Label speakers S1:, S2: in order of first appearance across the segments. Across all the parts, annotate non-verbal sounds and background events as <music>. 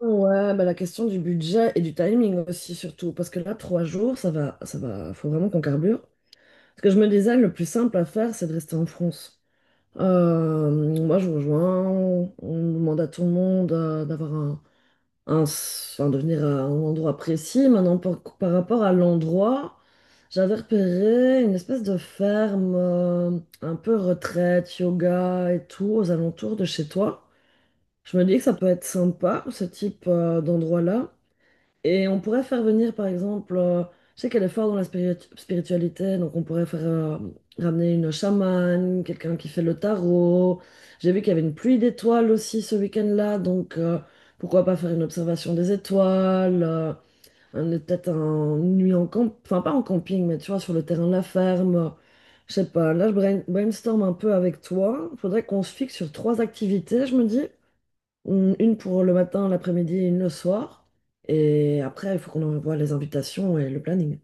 S1: Ouais, bah la question du budget et du timing aussi, surtout. Parce que là, trois jours, ça va, faut vraiment qu'on carbure. Parce que je me disais, le plus simple à faire, c'est de rester en France. Euh, Moi, je rejoins, on demande à tout le monde d'avoir un, de venir à un endroit précis. Maintenant, par rapport à l'endroit, j'avais repéré une espèce de ferme, un peu retraite, yoga et tout, aux alentours de chez toi. Je me dis que ça peut être sympa, ce type, d'endroit-là. Et on pourrait faire venir, par exemple, je sais qu'elle est forte dans la spiritualité, donc on pourrait faire ramener une chamane, quelqu'un qui fait le tarot. J'ai vu qu'il y avait une pluie d'étoiles aussi ce week-end-là, donc pourquoi pas faire une observation des étoiles, peut-être une nuit en camp, enfin pas en camping, mais tu vois, sur le terrain de la ferme. Je sais pas, là je brainstorm un peu avec toi. Faudrait qu'on se fixe sur trois activités, je me dis. Une pour le matin, l'après-midi, et une le soir. Et après, il faut qu'on envoie les invitations et le planning.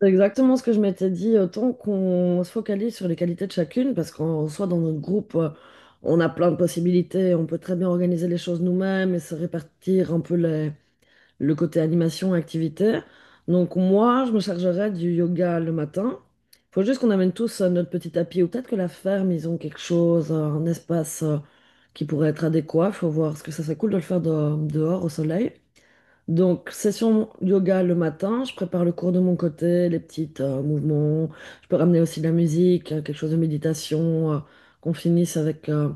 S1: C'est exactement ce que je m'étais dit, autant qu'on se focalise sur les qualités de chacune, parce qu'en soit dans notre groupe, on a plein de possibilités, on peut très bien organiser les choses nous-mêmes et se répartir un peu les, le côté animation, activité. Donc moi, je me chargerai du yoga le matin. Faut juste qu'on amène tous notre petit tapis ou peut-être que la ferme, ils ont quelque chose, un espace qui pourrait être adéquat. Faut voir, parce que ça serait cool de le faire dehors au soleil. Donc, session yoga le matin, je prépare le cours de mon côté, les petits mouvements. Je peux ramener aussi de la musique, quelque chose de méditation, qu'on finisse avec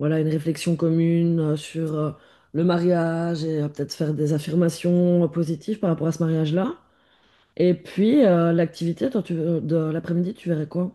S1: voilà, une réflexion commune sur le mariage et peut-être faire des affirmations positives par rapport à ce mariage-là. Et puis, l'activité, de l'après-midi, tu verrais quoi?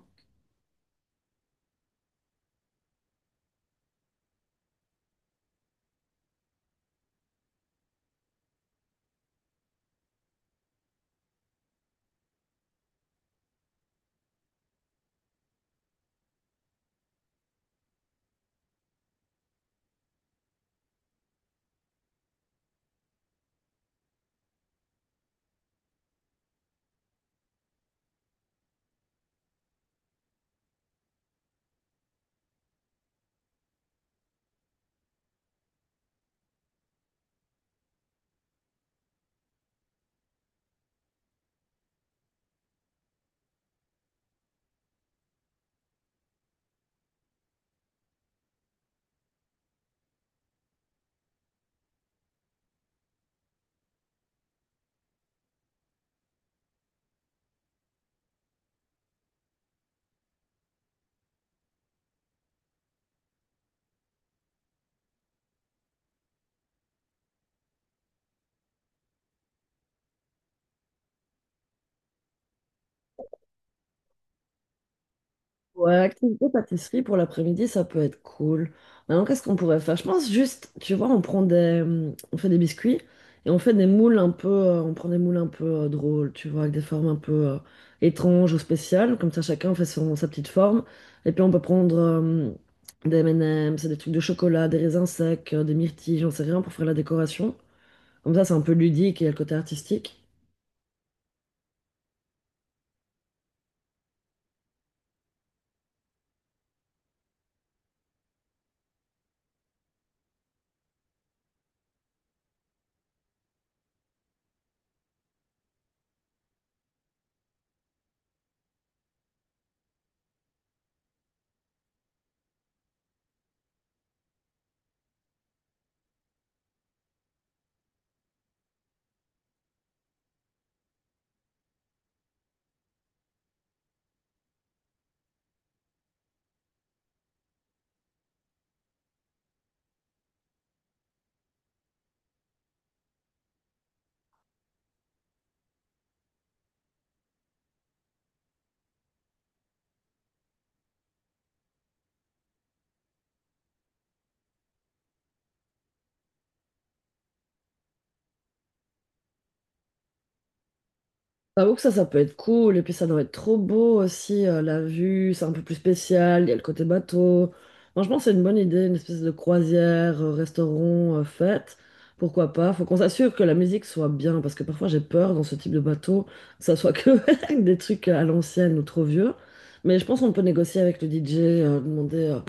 S1: Ouais, activité pâtisserie pour l'après-midi, ça peut être cool. Maintenant, qu'est-ce qu'on pourrait faire? Je pense juste, tu vois, on prend des, on fait des biscuits et on fait des moules un peu, drôles, tu vois, avec des formes un peu étranges ou spéciales. Comme ça, chacun fait son, sa petite forme. Et puis, on peut prendre des M&M's, des trucs de chocolat, des raisins secs, des myrtilles, j'en sais rien, pour faire la décoration. Comme ça, c'est un peu ludique et il y a le côté artistique. J'avoue que ça peut être cool. Et puis, ça doit être trop beau aussi. La vue, c'est un peu plus spécial. Il y a le côté bateau. Franchement, c'est une bonne idée. Une espèce de croisière, restaurant, fête. Pourquoi pas? Faut qu'on s'assure que la musique soit bien. Parce que parfois, j'ai peur dans ce type de bateau que ça soit que <laughs> des trucs à l'ancienne ou trop vieux. Mais je pense qu'on peut négocier avec le DJ, demander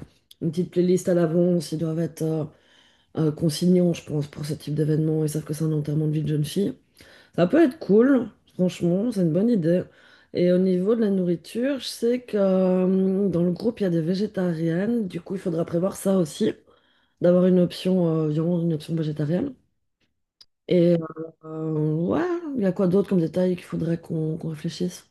S1: une petite playlist à l'avance. Ils doivent être consignants, je pense, pour ce type d'événement. Ils savent que c'est un enterrement de vie de jeune fille. Ça peut être cool, franchement, c'est une bonne idée. Et au niveau de la nourriture, je sais que dans le groupe, il y a des végétariennes. Du coup, il faudra prévoir ça aussi, d'avoir une option viande, une option végétarienne. Et ouais, il y a quoi d'autre comme détail qu'il faudrait qu'on réfléchisse?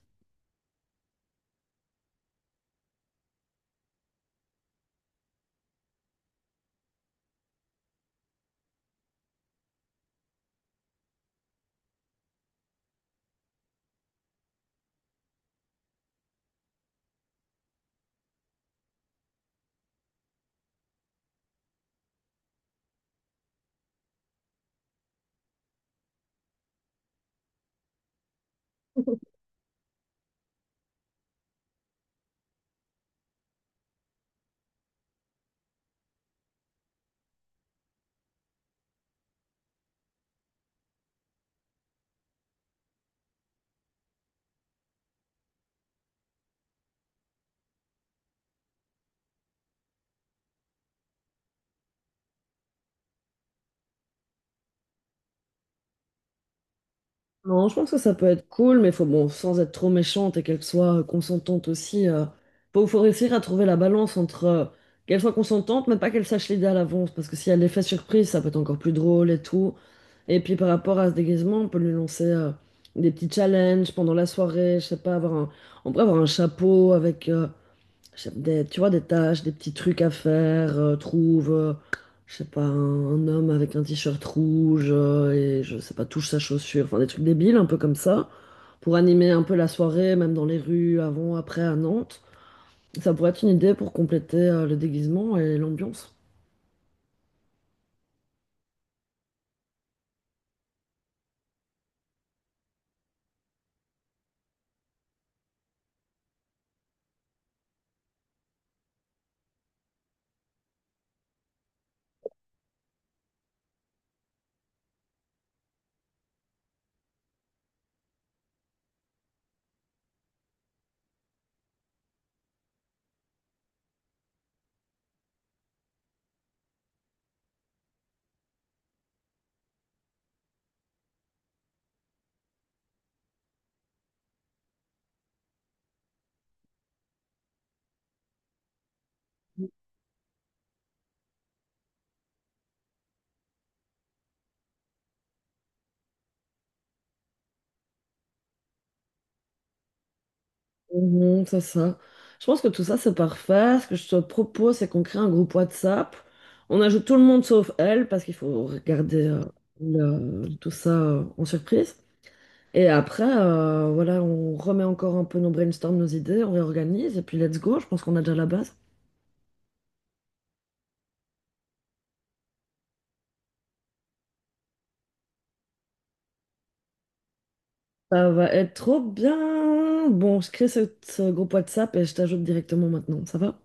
S1: Non, je pense que ça peut être cool, mais faut bon, sans être trop méchante et qu'elle soit consentante aussi. Faut réussir à trouver la balance entre qu'elle soit consentante, mais pas qu'elle sache l'idée à l'avance, parce que si elle est fait surprise, ça peut être encore plus drôle et tout. Et puis par rapport à ce déguisement, on peut lui lancer des petits challenges pendant la soirée, je sais pas, on pourrait avoir un chapeau avec des, tu vois, des tâches, des petits trucs à faire. Je sais pas, un homme avec un t-shirt rouge et je sais pas, touche sa chaussure. Enfin, des trucs débiles, un peu comme ça, pour animer un peu la soirée, même dans les rues, avant, après, à Nantes. Ça pourrait être une idée pour compléter le déguisement et l'ambiance. Mhm, c'est ça. Je pense que tout ça, c'est parfait. Ce que je te propose, c'est qu'on crée un groupe WhatsApp. On ajoute tout le monde sauf elle, parce qu'il faut regarder tout ça en surprise. Et après, voilà, on remet encore un peu nos brainstorms, nos idées, on réorganise et puis let's go. Je pense qu'on a déjà la base. Ça va être trop bien. Bon, je crée ce groupe WhatsApp et je t'ajoute directement maintenant. Ça va?